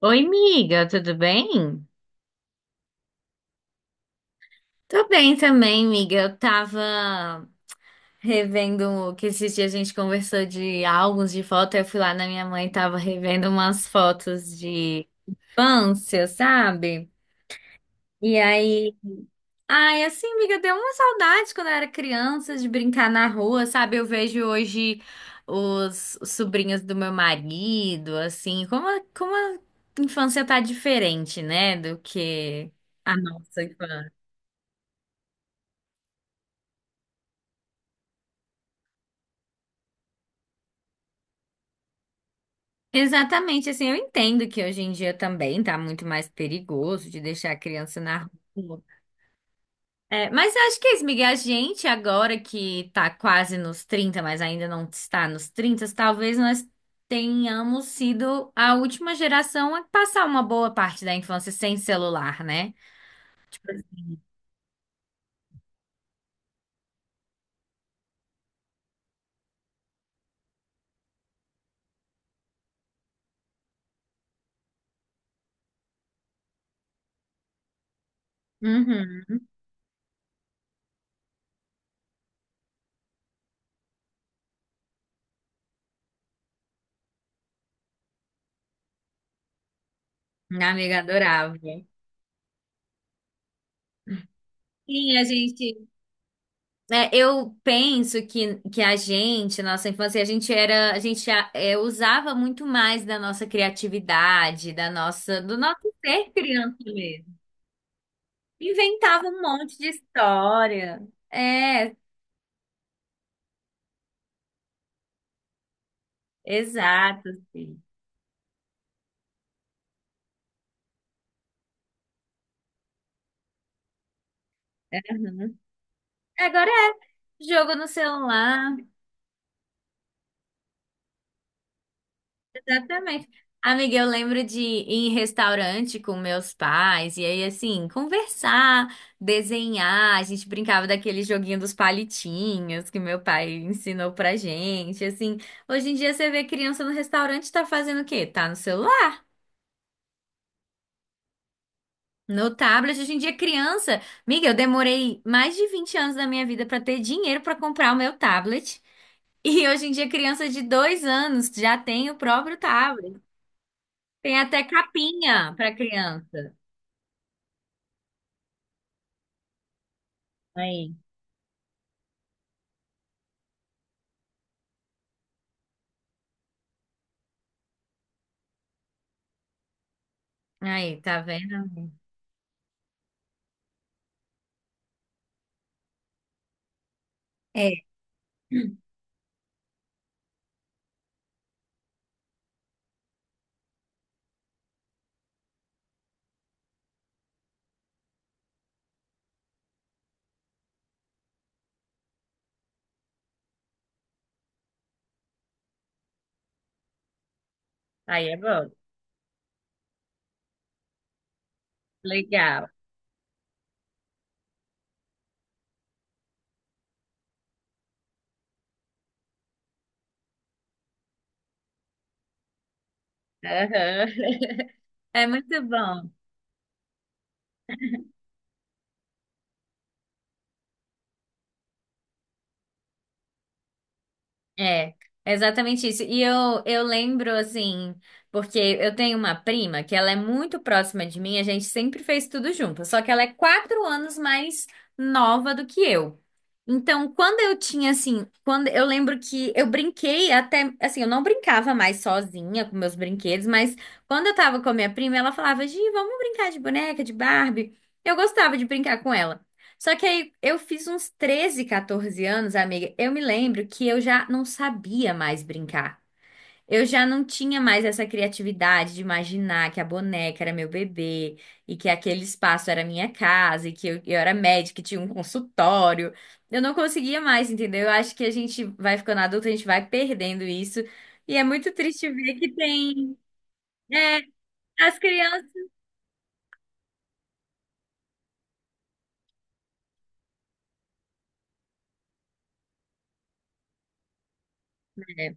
Oi, miga, tudo bem? Tô bem também, miga. Eu tava revendo que esses dias a gente conversou de álbuns de foto. Eu fui lá na minha mãe e tava revendo umas fotos de infância, sabe? E aí, ai, assim, miga, deu uma saudade quando eu era criança de brincar na rua, sabe? Eu vejo hoje os sobrinhos do meu marido, assim, como a infância tá diferente, né, do que a nossa infância. Exatamente, assim, eu entendo que hoje em dia também tá muito mais perigoso de deixar a criança na rua. É, mas eu acho que é isso, Miguel, a gente agora que tá quase nos 30 mas ainda não está nos 30 talvez nós tenhamos sido a última geração a passar uma boa parte da infância sem celular, né? Uhum. Minha amiga adorava. Sim, a gente É, eu penso que a gente, na nossa infância, a gente era, a gente a- é, usava muito mais da nossa criatividade, da nossa, do nosso ser criança mesmo. Inventava um monte de história. É, exato, sim. Uhum. Agora é jogo no celular. Exatamente. Amiga, eu lembro de ir em restaurante com meus pais e aí, assim, conversar, desenhar. A gente brincava daquele joguinho dos palitinhos que meu pai ensinou pra gente. Assim, hoje em dia você vê criança no restaurante tá fazendo o quê? Tá no celular, no tablet. Hoje em dia, criança. Amiga, eu demorei mais de 20 anos da minha vida pra ter dinheiro pra comprar o meu tablet. E hoje em dia, criança de 2 anos já tem o próprio tablet. Tem até capinha para criança. Aí, aí, tá vendo? É. Aí é bom. Legal. Aham. É muito bom. É, é, exatamente isso. E eu lembro, assim, porque eu tenho uma prima que ela é muito próxima de mim, a gente sempre fez tudo junto, só que ela é 4 anos mais nova do que eu. Então, quando eu tinha, assim, quando eu lembro que eu brinquei até, assim, eu não brincava mais sozinha com meus brinquedos, mas quando eu tava com a minha prima, ela falava, Gi, vamos brincar de boneca, de Barbie. Eu gostava de brincar com ela. Só que aí eu fiz uns 13, 14 anos, amiga. Eu me lembro que eu já não sabia mais brincar. Eu já não tinha mais essa criatividade de imaginar que a boneca era meu bebê e que aquele espaço era minha casa e que eu era médica e tinha um consultório. Eu não conseguia mais, entendeu? Eu acho que a gente vai ficando adulto, a gente vai perdendo isso. E é muito triste ver que tem, é, as crianças. é,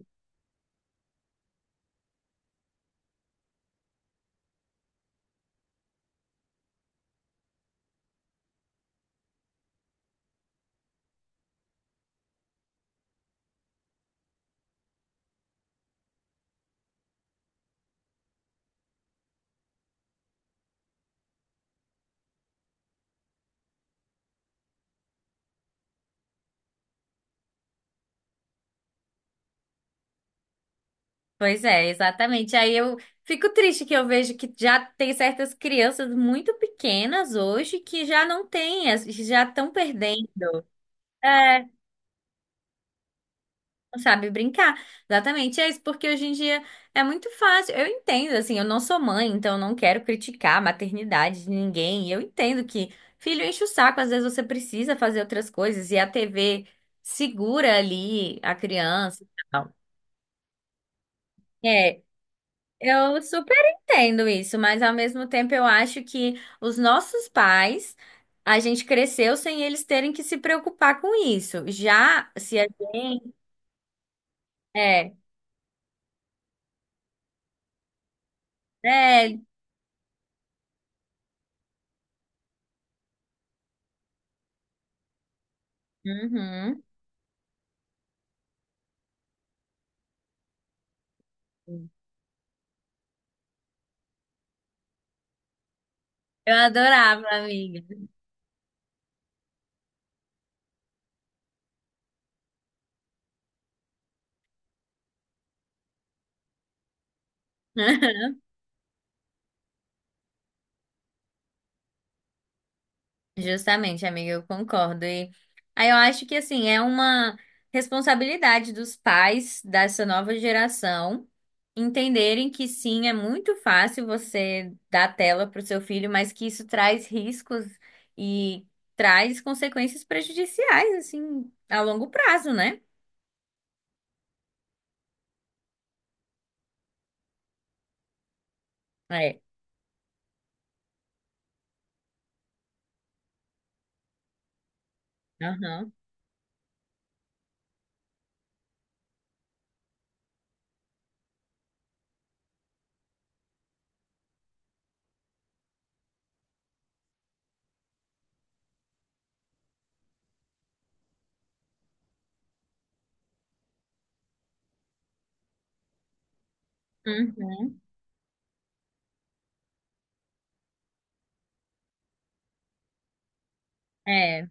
Pois é, exatamente. Aí eu fico triste que eu vejo que já tem certas crianças muito pequenas hoje que já não têm, as- já estão perdendo, é, não sabe brincar. Exatamente, é isso, porque hoje em dia é muito fácil. Eu entendo, assim, eu não sou mãe, então eu não quero criticar a maternidade de ninguém. Eu entendo que filho enche o saco, às vezes você precisa fazer outras coisas e a TV segura ali a criança. E tal. É, eu super entendo isso, mas ao mesmo tempo eu acho que os nossos pais, a gente cresceu sem eles terem que se preocupar com isso. Já se a gente é, é, uhum. Eu adorava, amiga. Justamente, amiga, eu concordo. E aí eu acho que assim, é uma responsabilidade dos pais dessa nova geração entenderem que sim, é muito fácil você dar tela para o seu filho, mas que isso traz riscos e traz consequências prejudiciais, assim, a longo prazo, né? É. Aham. Uhum. É.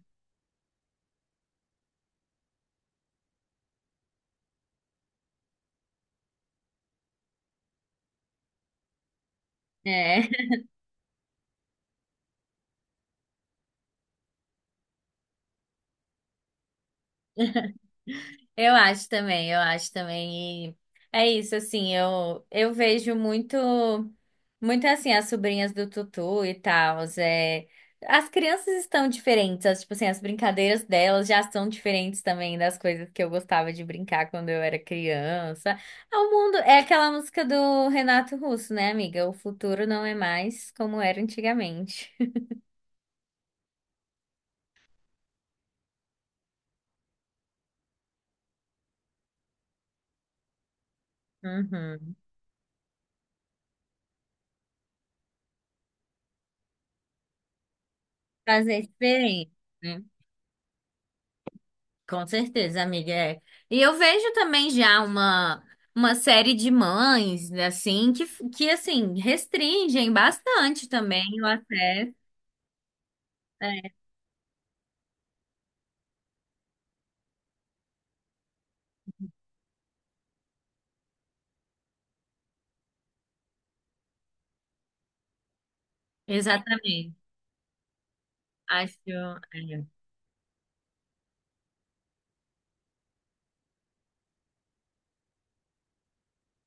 É. Eu acho também, eu acho também. E é isso, assim, eu vejo muito, muito assim, as sobrinhas do Tutu e tal. É, as crianças estão diferentes, as, tipo assim, as brincadeiras delas já são diferentes também das coisas que eu gostava de brincar quando eu era criança. É o mundo, é aquela música do Renato Russo, né, amiga? O futuro não é mais como era antigamente. Uhum. Fazer diferente. Com certeza, amiga. É. E eu vejo também já uma série de mães, né, assim, que assim, restringem bastante também o acesso. É, exatamente. Acho. É,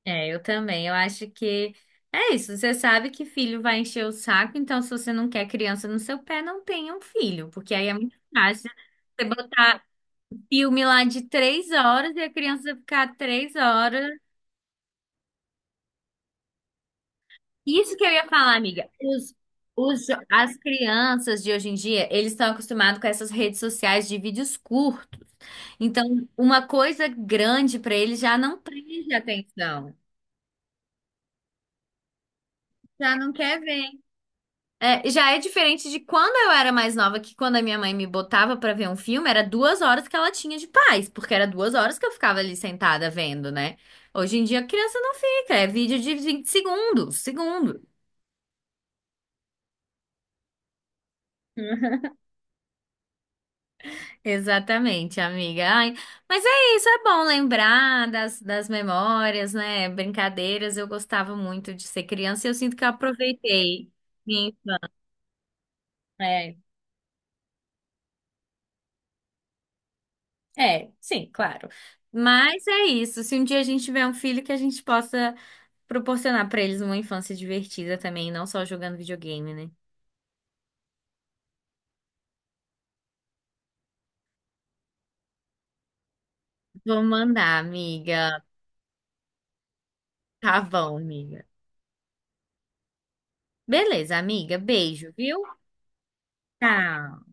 é, eu também. Eu acho que é isso. Você sabe que filho vai encher o saco, então se você não quer criança no seu pé, não tenha um filho, porque aí é muito fácil você botar filme lá de 3 horas e a criança ficar 3 horas. Isso que eu ia falar, amiga. As crianças de hoje em dia, eles estão acostumados com essas redes sociais de vídeos curtos. Então, uma coisa grande para eles já não prende atenção. Já não quer ver. É, já é diferente de quando eu era mais nova, que quando a minha mãe me botava para ver um filme, era 2 horas que ela tinha de paz, porque era 2 horas que eu ficava ali sentada vendo, né? Hoje em dia a criança não fica, é vídeo de 20 segundos, segundo. Exatamente, amiga. Ai, mas é isso, é bom lembrar das memórias, né? Brincadeiras. Eu gostava muito de ser criança e eu sinto que eu aproveitei. Sim, é, é, sim, claro. Mas é isso. Se um dia a gente tiver um filho, que a gente possa proporcionar para eles uma infância divertida também, não só jogando videogame, né? Vou mandar, amiga. Tá bom, amiga. Beleza, amiga. Beijo, viu? Tchau.